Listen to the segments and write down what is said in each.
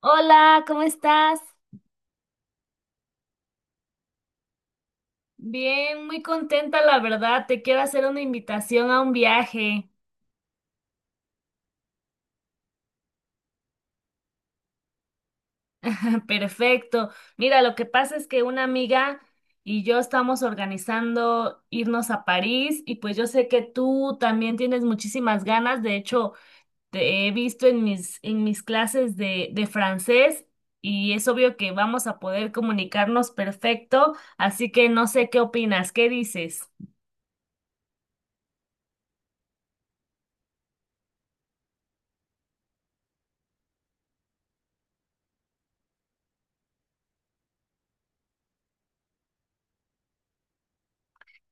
Hola, ¿cómo estás? Bien, muy contenta, la verdad. Te quiero hacer una invitación a un viaje. Perfecto. Mira, lo que pasa es que una amiga y yo estamos organizando irnos a París y pues yo sé que tú también tienes muchísimas ganas. De hecho, te he visto en en mis clases de francés y es obvio que vamos a poder comunicarnos perfecto. Así que no sé qué opinas, ¿qué dices?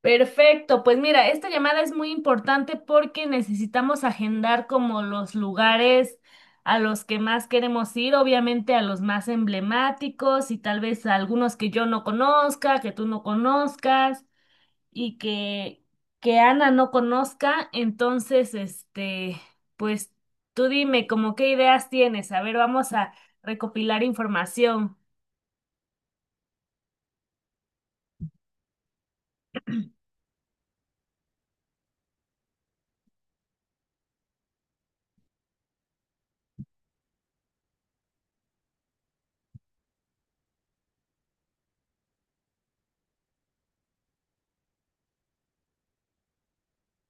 Perfecto, pues mira, esta llamada es muy importante porque necesitamos agendar como los lugares a los que más queremos ir, obviamente a los más emblemáticos y tal vez a algunos que yo no conozca, que tú no conozcas y que Ana no conozca. Entonces, pues tú dime como qué ideas tienes. A ver, vamos a recopilar información.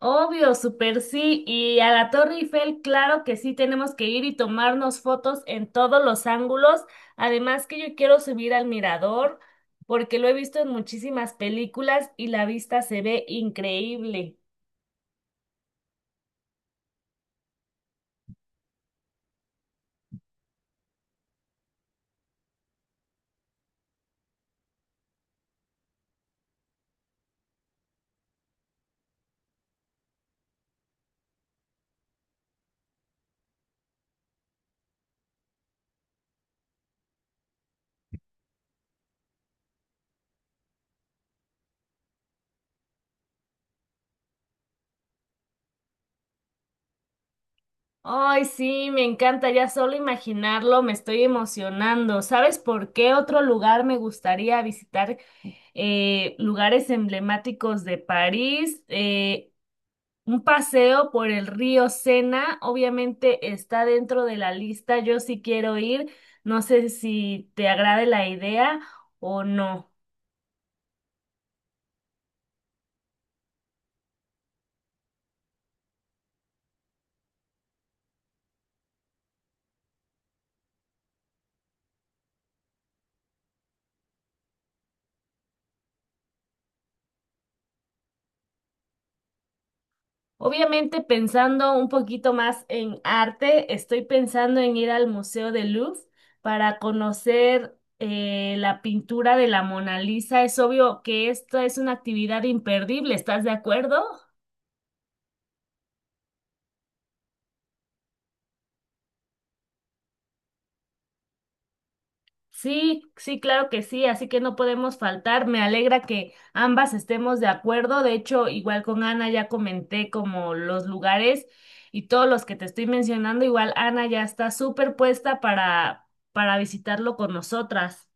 Obvio, súper sí. Y a la Torre Eiffel, claro que sí, tenemos que ir y tomarnos fotos en todos los ángulos. Además que yo quiero subir al mirador porque lo he visto en muchísimas películas y la vista se ve increíble. Ay, sí, me encanta, ya solo imaginarlo me estoy emocionando. ¿Sabes por qué otro lugar me gustaría visitar? Lugares emblemáticos de París. Un paseo por el río Sena, obviamente está dentro de la lista. Yo sí quiero ir. No sé si te agrade la idea o no. Obviamente pensando un poquito más en arte, estoy pensando en ir al Museo del Louvre para conocer la pintura de la Mona Lisa. Es obvio que esta es una actividad imperdible. ¿Estás de acuerdo? Sí, sí, claro que sí, así que no podemos faltar. Me alegra que ambas estemos de acuerdo. De hecho, igual con Ana ya comenté como los lugares y todos los que te estoy mencionando, igual Ana ya está súper puesta para visitarlo con nosotras.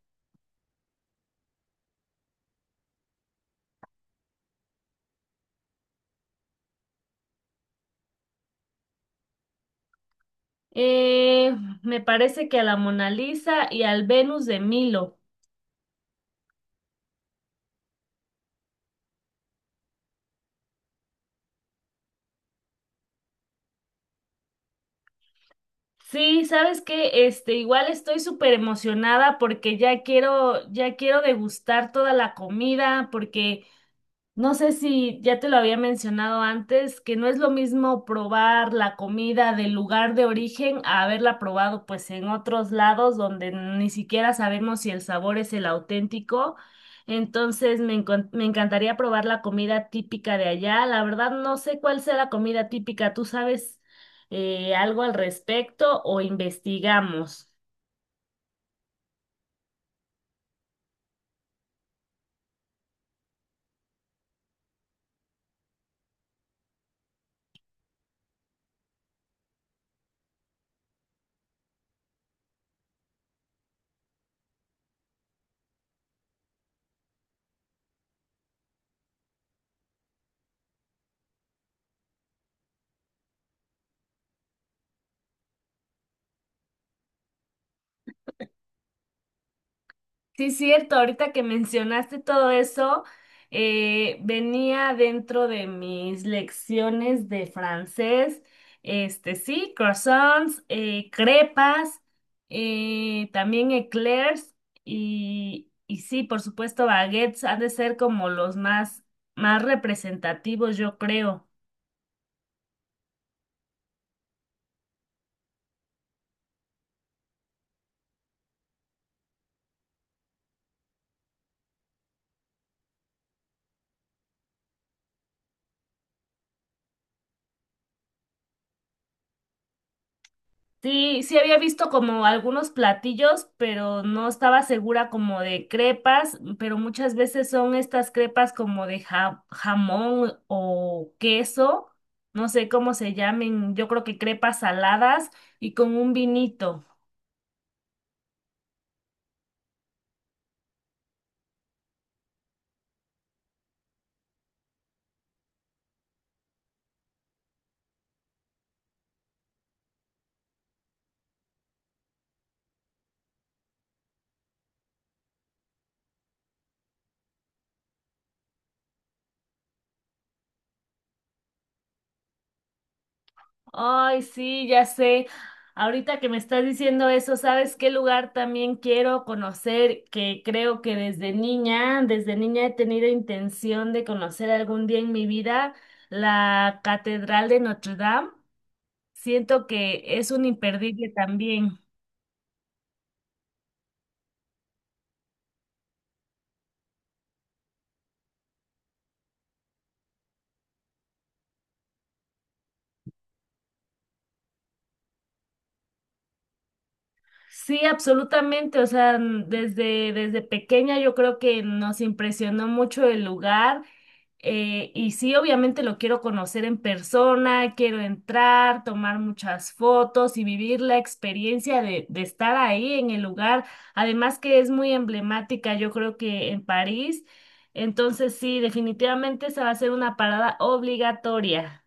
Eh, Me parece que a la Mona Lisa y al Venus de Milo. Sí, ¿sabes que Este, igual estoy súper emocionada porque ya ya quiero degustar toda la comida, porque no sé si ya te lo había mencionado antes, que no es lo mismo probar la comida del lugar de origen a haberla probado pues en otros lados donde ni siquiera sabemos si el sabor es el auténtico. Entonces me encantaría probar la comida típica de allá. La verdad no sé cuál sea la comida típica. ¿Tú sabes algo al respecto o investigamos? Sí, cierto, ahorita que mencionaste todo eso, venía dentro de mis lecciones de francés, este sí, croissants, crepas, también eclairs y sí, por supuesto, baguettes han de ser como más representativos, yo creo. Sí, sí había visto como algunos platillos, pero no estaba segura como de crepas, pero muchas veces son estas crepas como de jamón o queso, no sé cómo se llamen, yo creo que crepas saladas y con un vinito. Ay, sí, ya sé. Ahorita que me estás diciendo eso, ¿sabes qué lugar también quiero conocer? Que creo que desde niña he tenido intención de conocer algún día en mi vida la Catedral de Notre Dame. Siento que es un imperdible también. Sí, absolutamente. O sea, desde pequeña yo creo que nos impresionó mucho el lugar. Y sí, obviamente lo quiero conocer en persona, quiero entrar, tomar muchas fotos y vivir la experiencia de estar ahí en el lugar. Además que es muy emblemática, yo creo que en París. Entonces sí, definitivamente esa va a ser una parada obligatoria.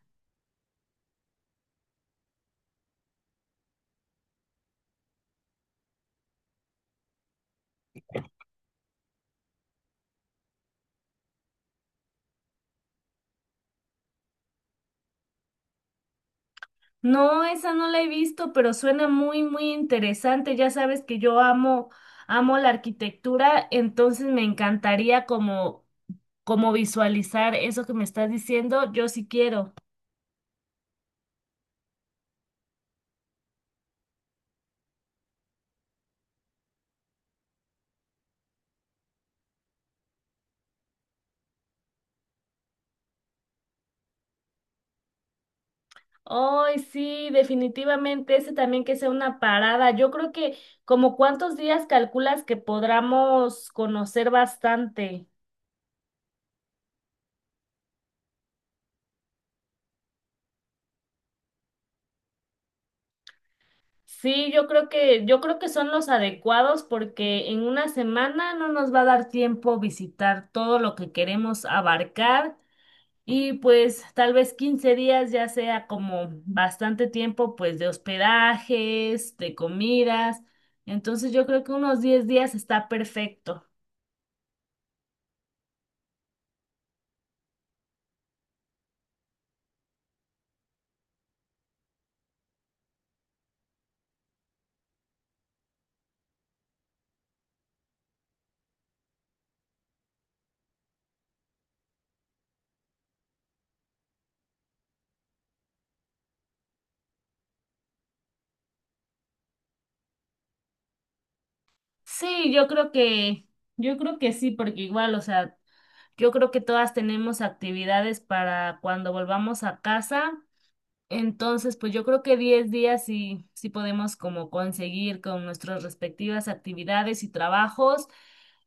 No, esa no la he visto, pero suena muy, muy interesante. Ya sabes que amo la arquitectura, entonces me encantaría como visualizar eso que me estás diciendo. Yo sí quiero. Ay, sí, definitivamente, ese también que sea una parada. Yo creo que como cuántos días calculas que podamos conocer bastante. Sí, yo creo que son los adecuados porque en una semana no nos va a dar tiempo visitar todo lo que queremos abarcar y pues tal vez 15 días ya sea como bastante tiempo pues de hospedajes, de comidas. Entonces yo creo que unos 10 días está perfecto. Sí, yo creo que sí, porque igual, o sea, yo creo que todas tenemos actividades para cuando volvamos a casa. Entonces, pues yo creo que 10 días sí, sí podemos como conseguir con nuestras respectivas actividades y trabajos.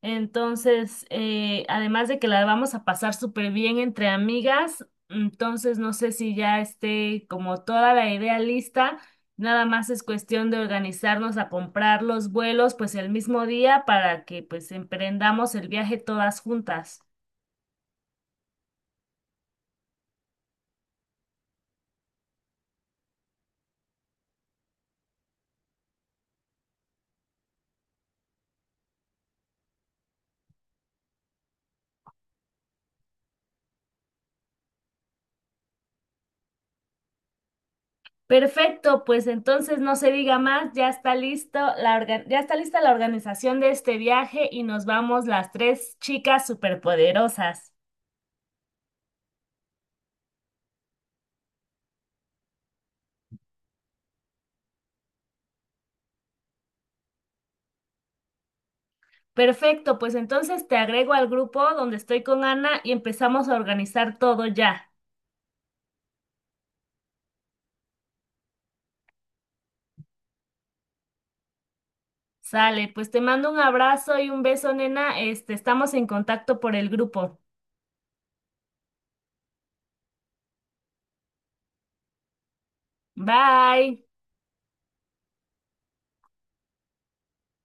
Entonces, además de que la vamos a pasar súper bien entre amigas, entonces no sé si ya esté como toda la idea lista, nada más es cuestión de organizarnos a comprar los vuelos pues el mismo día para que pues emprendamos el viaje todas juntas. Perfecto, pues entonces no se diga más, ya está lista la organización de este viaje y nos vamos las tres chicas superpoderosas. Perfecto, pues entonces te agrego al grupo donde estoy con Ana y empezamos a organizar todo ya. Sale, pues te mando un abrazo y un beso, nena. Este, estamos en contacto por el grupo. Bye.